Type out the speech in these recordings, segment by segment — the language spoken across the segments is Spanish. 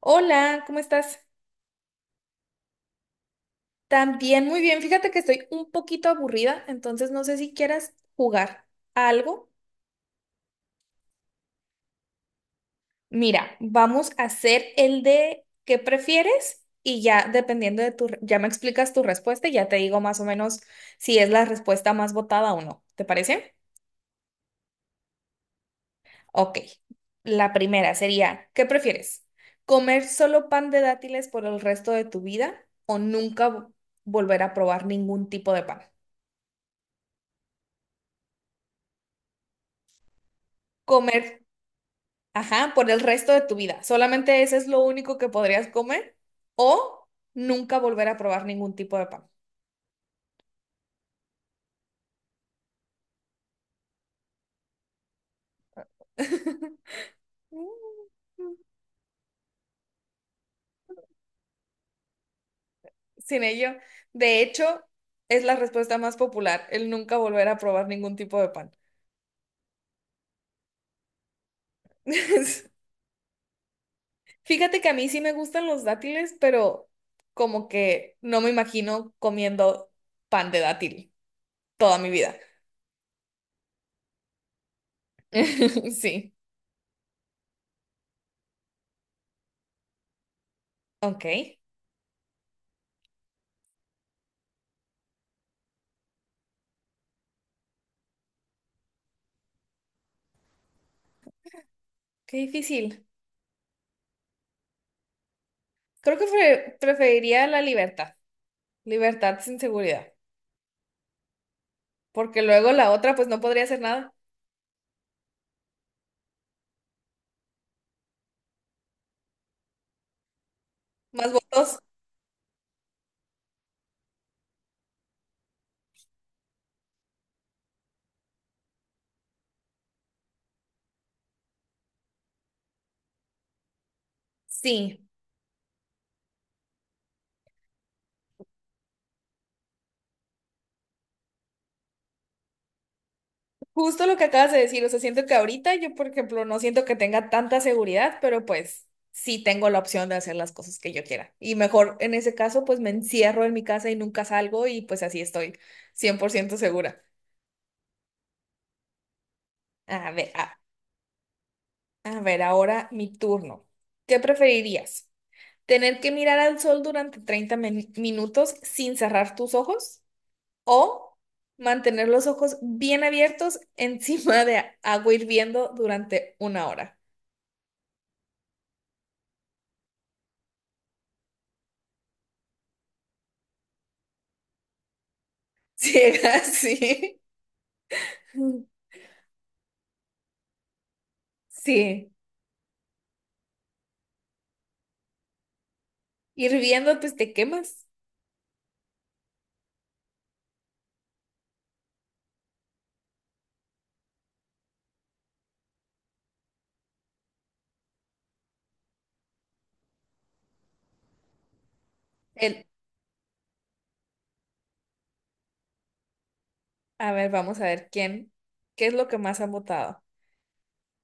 Hola, ¿cómo estás? También muy bien. Fíjate que estoy un poquito aburrida, entonces no sé si quieras jugar a algo. Mira, vamos a hacer el de qué prefieres y ya dependiendo de ya me explicas tu respuesta y ya te digo más o menos si es la respuesta más votada o no. ¿Te parece? Ok. La primera sería, ¿qué prefieres? ¿Comer solo pan de dátiles por el resto de tu vida o nunca volver a probar ningún tipo de pan? ¿Comer? Ajá, por el resto de tu vida. Solamente ese es lo único que podrías comer o nunca volver a probar ningún tipo de pan. Sin ello, de hecho, es la respuesta más popular, el nunca volver a probar ningún tipo de pan. Fíjate que a mí sí me gustan los dátiles, pero como que no me imagino comiendo pan de dátil toda mi vida. Sí, ok. Qué difícil. Creo que preferiría la libertad. Libertad sin seguridad. Porque luego la otra, pues no podría hacer nada. Más votos. Sí. Justo lo que acabas de decir. O sea, siento que ahorita yo, por ejemplo, no siento que tenga tanta seguridad, pero pues sí tengo la opción de hacer las cosas que yo quiera. Y mejor en ese caso, pues me encierro en mi casa y nunca salgo y pues así estoy 100% segura. A ver, a, a ver, ahora mi turno. ¿Qué preferirías? ¿Tener que mirar al sol durante 30 minutos sin cerrar tus ojos? O mantener los ojos bien abiertos encima de agua hirviendo durante 1 hora. Ciega, sí. Sí. Hirviendo, pues te quemas. El, a ver, vamos a ver quién, qué es lo que más han votado.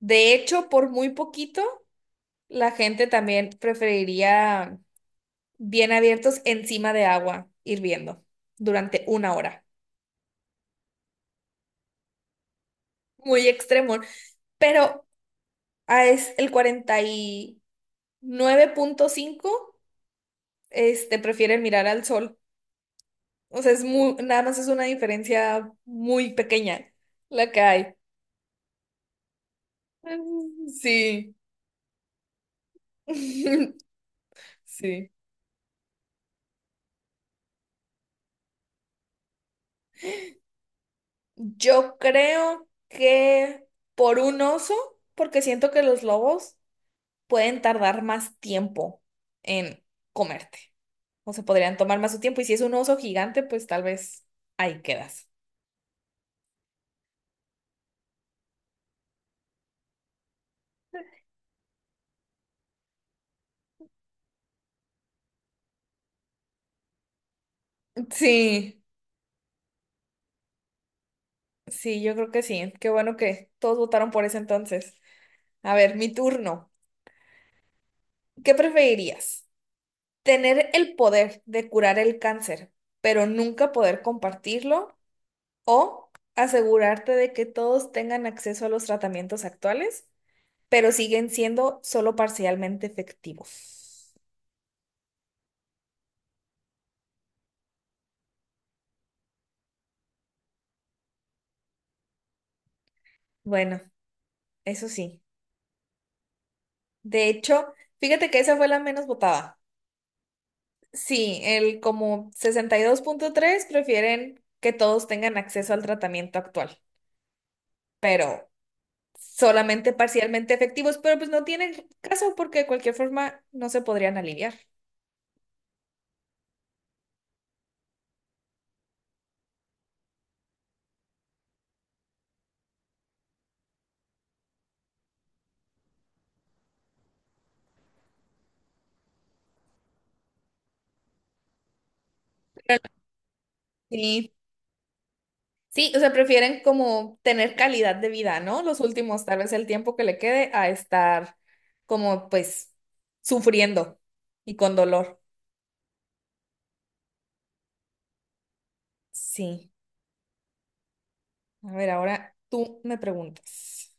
De hecho, por muy poquito, la gente también preferiría bien abiertos encima de agua hirviendo durante una hora. Muy extremo. Pero ah, es el 49,5 este, prefieren mirar al sol. O sea, es muy, nada más es una diferencia muy pequeña la que hay. Mm, sí, sí. Yo creo que por un oso, porque siento que los lobos pueden tardar más tiempo en comerte. O se podrían tomar más su tiempo. Y si es un oso gigante, pues tal vez ahí quedas. Sí, sí, yo creo que sí. Qué bueno que todos votaron por eso entonces. A ver, mi turno. ¿Qué preferirías? ¿Tener el poder de curar el cáncer, pero nunca poder compartirlo? ¿O asegurarte de que todos tengan acceso a los tratamientos actuales, pero siguen siendo solo parcialmente efectivos? Bueno, eso sí. De hecho, fíjate que esa fue la menos votada. Sí, el como 62,3 prefieren que todos tengan acceso al tratamiento actual, pero solamente parcialmente efectivos, pero pues no tiene caso porque de cualquier forma no se podrían alinear. Pero sí, sí, o sea, prefieren como tener calidad de vida, ¿no? Los últimos, tal vez el tiempo que le quede a estar como pues sufriendo y con dolor. Sí, a ver, ahora tú me preguntas.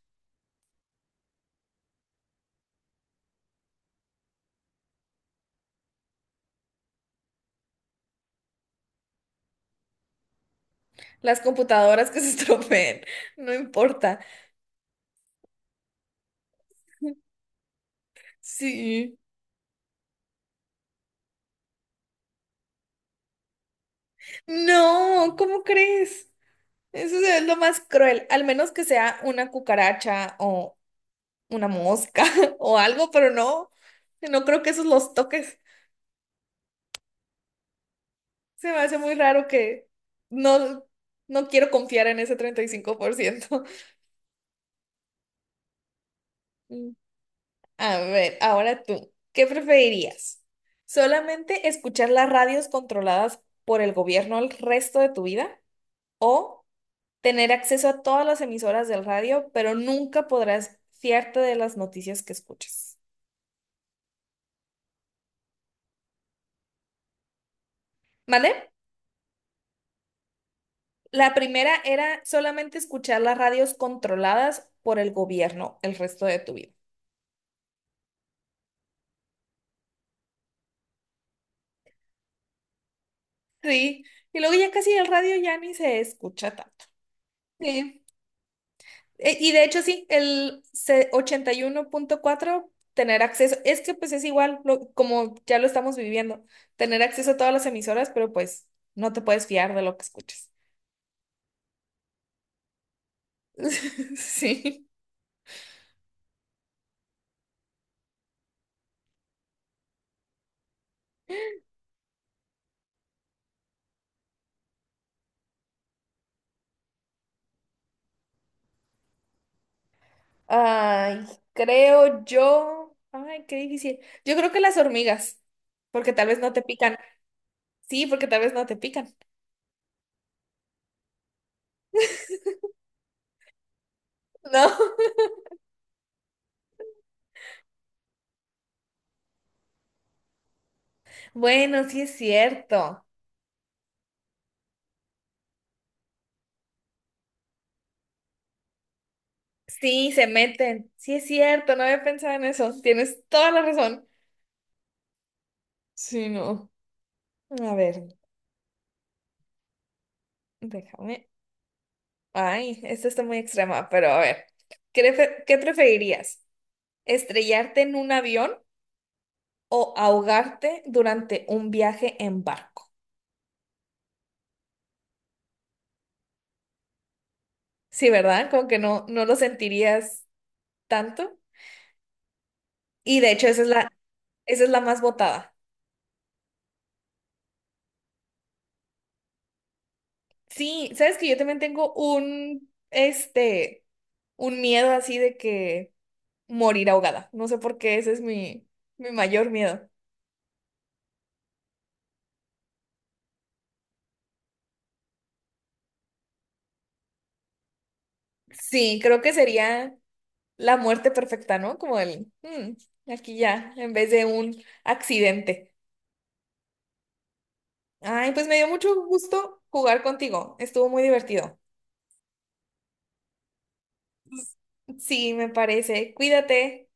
Las computadoras que se estropeen, no importa. Sí. No, ¿cómo crees? Eso es lo más cruel, al menos que sea una cucaracha o una mosca o algo, pero no, no creo que esos los toques. Se me hace muy raro que no, no quiero confiar en ese 35%. Mm. A ver, ahora tú, ¿qué preferirías? ¿Solamente escuchar las radios controladas por el gobierno el resto de tu vida? ¿O tener acceso a todas las emisoras del radio, pero nunca podrás fiarte de las noticias que escuches? ¿Vale? La primera era solamente escuchar las radios controladas por el gobierno el resto de tu vida. Sí, y luego ya casi el radio ya ni se escucha tanto. Sí. Y de hecho sí, el 81,4 tener acceso, es que pues es igual como ya lo estamos viviendo, tener acceso a todas las emisoras, pero pues no te puedes fiar de lo que escuches. Sí. Ay, creo yo. Ay, qué difícil. Yo creo que las hormigas, porque tal vez no te pican. Sí, porque tal vez no te pican. No. Bueno, sí es cierto. Sí, se meten. Sí es cierto, no había pensado en eso. Tienes toda la razón. Sí, no. A ver, déjame. Ay, esta está muy extrema, pero a ver. ¿Qué preferirías? ¿Estrellarte en un avión o ahogarte durante un viaje en barco? Sí, ¿verdad? Como que no, no lo sentirías tanto. Y de hecho, esa es la más votada. Sí, sabes que yo también tengo un, este, un miedo así de que morir ahogada. No sé por qué, ese es mi mayor miedo. Sí, creo que sería la muerte perfecta, ¿no? Como el, "Mm, aquí ya, en vez de un accidente. Ay, pues me dio mucho gusto jugar contigo. Estuvo muy divertido. Sí, me parece. Cuídate.